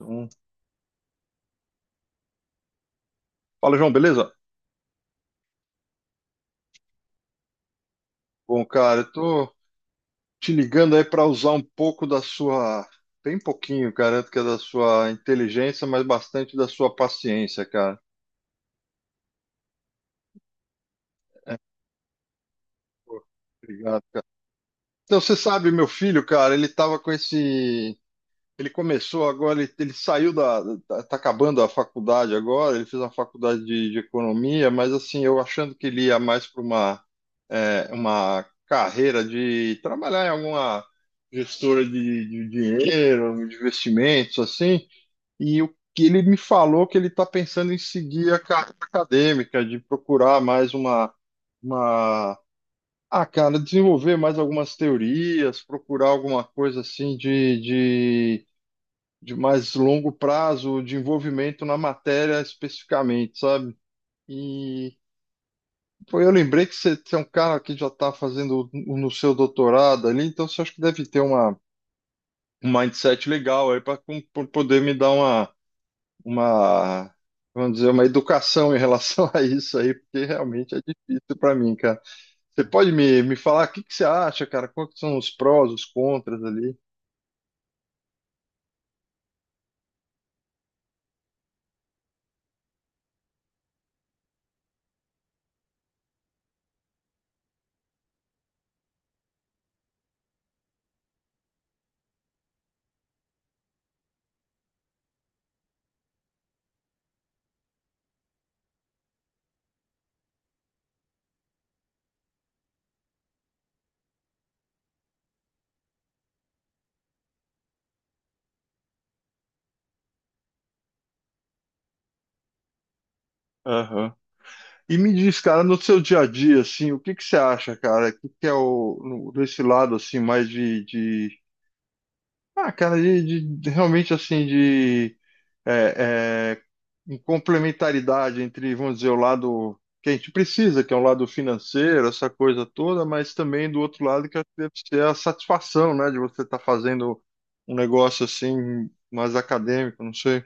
Um... Fala, João, beleza? Bom, cara, eu tô te ligando aí pra usar um pouco da sua, bem pouquinho, garanto que é da sua inteligência, mas bastante da sua paciência, cara. É, pô, obrigado, cara. Então, você sabe, meu filho, cara, ele começou agora, ele tá acabando a faculdade agora, ele fez uma faculdade de economia, mas assim, eu achando que ele ia mais para uma, uma carreira de trabalhar em alguma gestora de dinheiro, de investimentos, assim, e o que ele me falou que ele está pensando em seguir a carreira acadêmica, de procurar mais uma, uma cara, desenvolver mais algumas teorias, procurar alguma coisa assim de mais longo prazo, de envolvimento na matéria especificamente, sabe? E pô, eu lembrei que você é um cara que já está fazendo no seu doutorado ali, então você acha que deve ter um mindset legal aí para poder me dar uma, uma, vamos dizer, uma educação em relação a isso aí, porque realmente é difícil para mim, cara. Você pode me falar o que que você acha, cara? Quais que são os prós, os contras ali? Aham. E me diz, cara, no seu dia a dia, assim, o que que você acha, cara? O que que é o, no- desse lado, assim, mais ah, cara, realmente, assim, é, é, em complementaridade entre, vamos dizer, o lado que a gente precisa, que é o lado financeiro, essa coisa toda, mas também do outro lado que eu acho que deve ser a satisfação, né, de você estar fazendo um negócio, assim, mais acadêmico, não sei.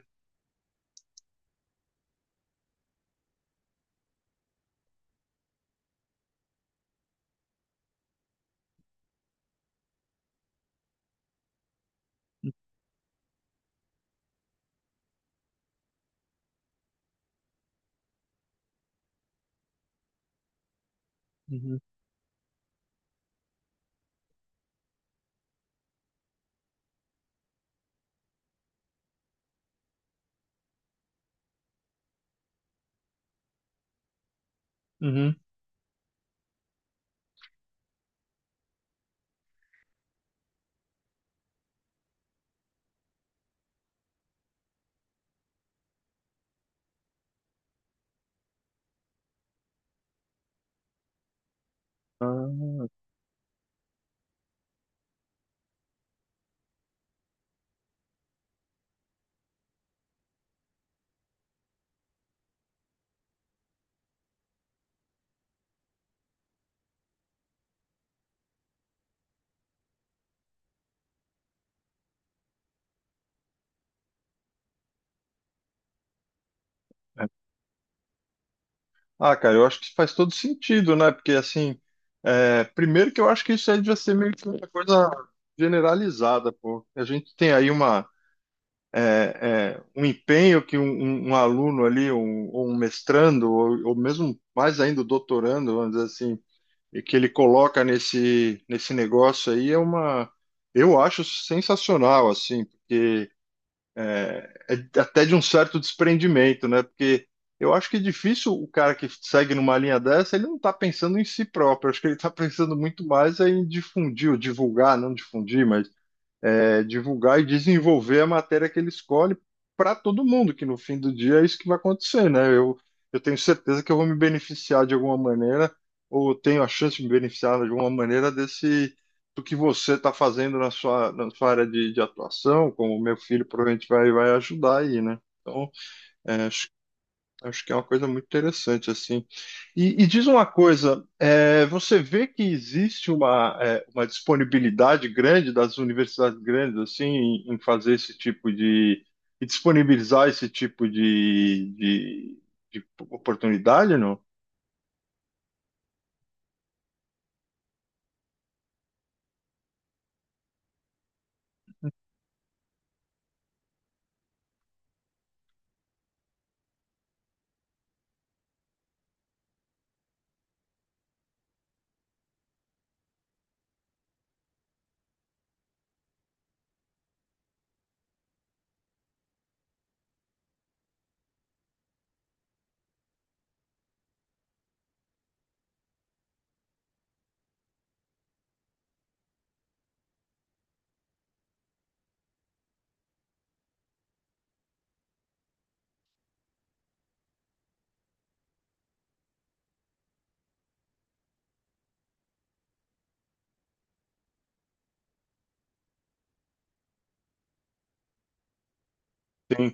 Uhum, uhum. Ah. É. Ah, cara, eu acho que faz todo sentido, né? Porque, assim, é, primeiro que eu acho que isso aí devia ser meio que uma coisa generalizada, pô. A gente tem aí um empenho que um aluno ali, ou um mestrando, ou mesmo mais ainda o doutorando, vamos dizer assim, e que ele coloca nesse negócio aí eu acho sensacional, assim, porque é, é até de um certo desprendimento, né? Porque eu acho que é difícil o cara que segue numa linha dessa, ele não está pensando em si próprio. Acho que ele está pensando muito mais em difundir ou divulgar, não difundir, mas é, divulgar e desenvolver a matéria que ele escolhe para todo mundo, que no fim do dia é isso que vai acontecer, né? Eu tenho certeza que eu vou me beneficiar de alguma maneira, ou tenho a chance de me beneficiar de alguma maneira desse do que você está fazendo na sua área de atuação, como o meu filho provavelmente vai ajudar aí, né? Então, é, acho acho que é uma coisa muito interessante, assim. E diz uma coisa, é, você vê que existe uma disponibilidade grande das universidades grandes, assim, em fazer esse tipo de e disponibilizar esse tipo de oportunidade, não? Tem.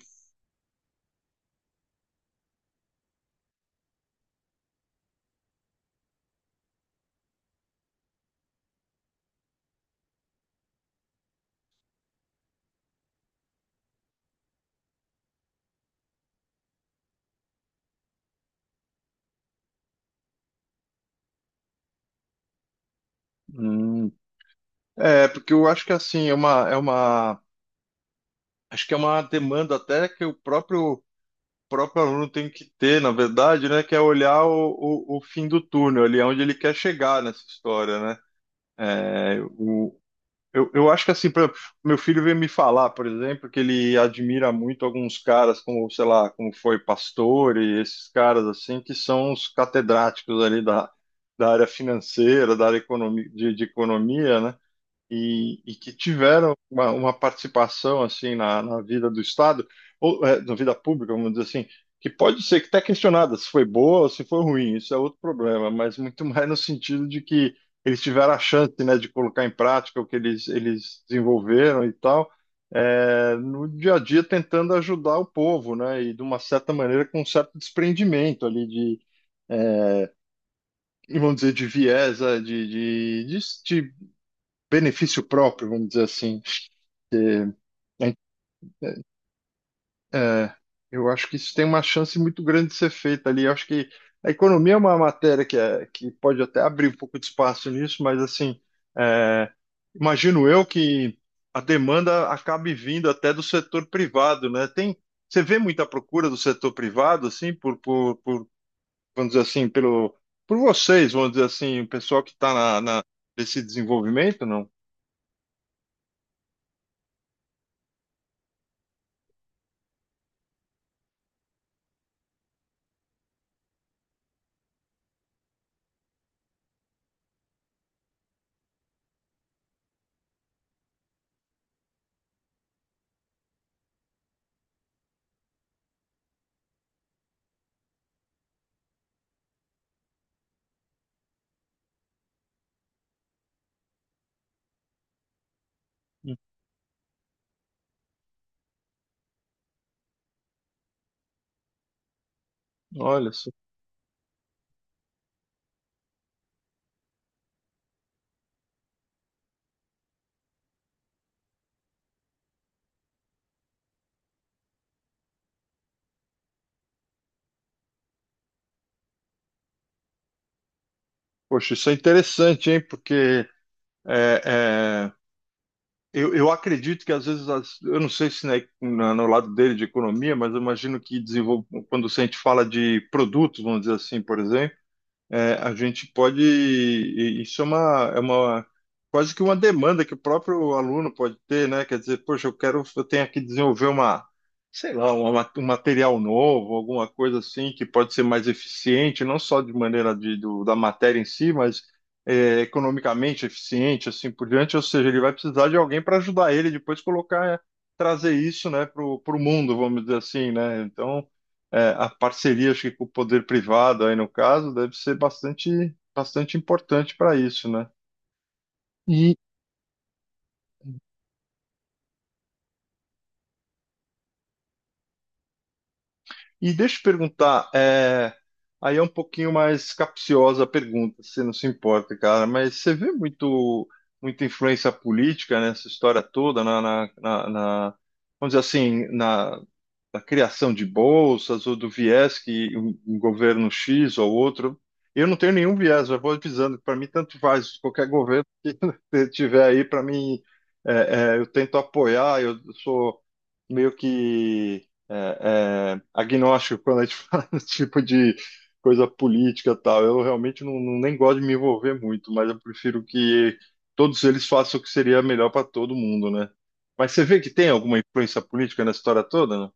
Hum. É, porque eu acho que, assim, acho que é uma demanda até que o próprio aluno tem que ter, na verdade, né, que é olhar o fim do túnel, ali é onde ele quer chegar nessa história, né? É, o, eu acho que assim, por exemplo, meu filho veio me falar, por exemplo, que ele admira muito alguns caras como, sei lá, como foi Pastor e esses caras assim, que são os catedráticos ali da área financeira, da área economi, de economia, né? E que tiveram uma participação assim na vida do Estado, ou na vida pública, vamos dizer assim, que pode ser que está questionada se foi boa ou se foi ruim, isso é outro problema, mas muito mais no sentido de que eles tiveram a chance, né, de colocar em prática o que eles desenvolveram e tal, no dia a dia tentando ajudar o povo, né, e de uma certa maneira com um certo desprendimento ali de eh, vamos dizer, de viés, de benefício próprio, vamos dizer assim, porque, é, é, eu acho que isso tem uma chance muito grande de ser feito ali. Eu acho que a economia é uma matéria que, é, que pode até abrir um pouco de espaço nisso, mas assim, é, imagino eu que a demanda acabe vindo até do setor privado, né? Tem, você vê muita procura do setor privado, assim, vamos dizer assim, por vocês, vamos dizer assim, o pessoal que está nesse desenvolvimento, não? Olha, só. Poxa, isso é interessante, hein? Porque é, é, eu acredito que às vezes, eu não sei se né, no lado dele de economia, mas eu imagino que quando a gente fala de produtos, vamos dizer assim, por exemplo. É, a gente pode. Isso é uma, é uma quase que uma demanda que o próprio aluno pode ter, né? Quer dizer, poxa, eu quero, eu tenho que desenvolver uma, sei lá, um material novo, alguma coisa assim que pode ser mais eficiente, não só de maneira da matéria em si, mas é, economicamente eficiente, assim por diante. Ou seja, ele vai precisar de alguém para ajudar ele depois colocar, trazer isso, né, para o mundo, vamos dizer assim, né? Então é, a parceria, acho que com o poder privado aí no caso, deve ser bastante, bastante importante para isso, né? E, e deixa eu te perguntar, é, aí é um pouquinho mais capciosa a pergunta, se não se importa, cara, mas você vê muito, muita influência política nessa história toda, vamos dizer assim, da criação de bolsas ou do viés que um governo X ou outro. Eu não tenho nenhum viés, eu vou avisando, para mim tanto faz, qualquer governo que tiver aí, para mim, eu tento apoiar, eu sou meio que agnóstico quando a gente fala desse tipo de coisa política e tal. Eu realmente não, nem gosto de me envolver muito, mas eu prefiro que todos eles façam o que seria melhor para todo mundo, né? Mas você vê que tem alguma influência política na história toda.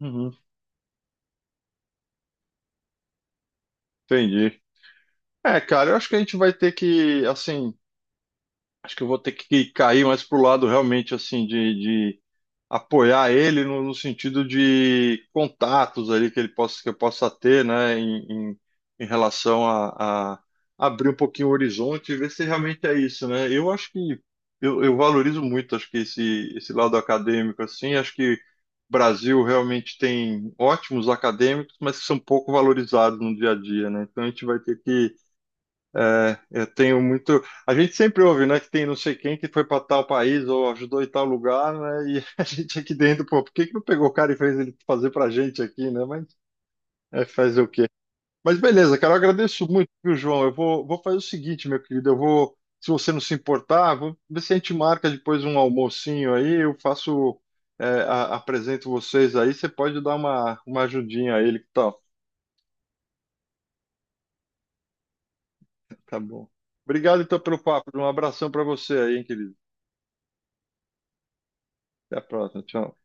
Uhum, entendi. É, cara, eu acho que a gente vai ter que, assim, acho que eu vou ter que cair mais pro lado realmente, assim, de apoiar ele no sentido de contatos ali que ele possa, que eu possa ter, né, em, em relação a abrir um pouquinho o horizonte e ver se realmente é isso, né? Eu acho que eu valorizo muito, acho que esse lado acadêmico, assim, acho que o Brasil realmente tem ótimos acadêmicos, mas que são pouco valorizados no dia a dia, né? Então a gente vai ter que. É, eu tenho muito. A gente sempre ouve, né, que tem não sei quem que foi para tal país ou ajudou em tal lugar, né? E a gente aqui dentro, pô, por que que não pegou o cara e fez ele fazer para gente aqui, né? Mas é, fazer o quê? Mas beleza, cara, eu agradeço muito, viu, João? Eu vou fazer o seguinte, meu querido, eu vou, se você não se importar, vou ver se a gente marca depois um almocinho aí, eu faço, é, apresento vocês aí, você pode dar uma ajudinha a ele, que tal? Tá bom. Obrigado, então, pelo papo. Um abração para você aí, hein, querido. Até a próxima. Tchau.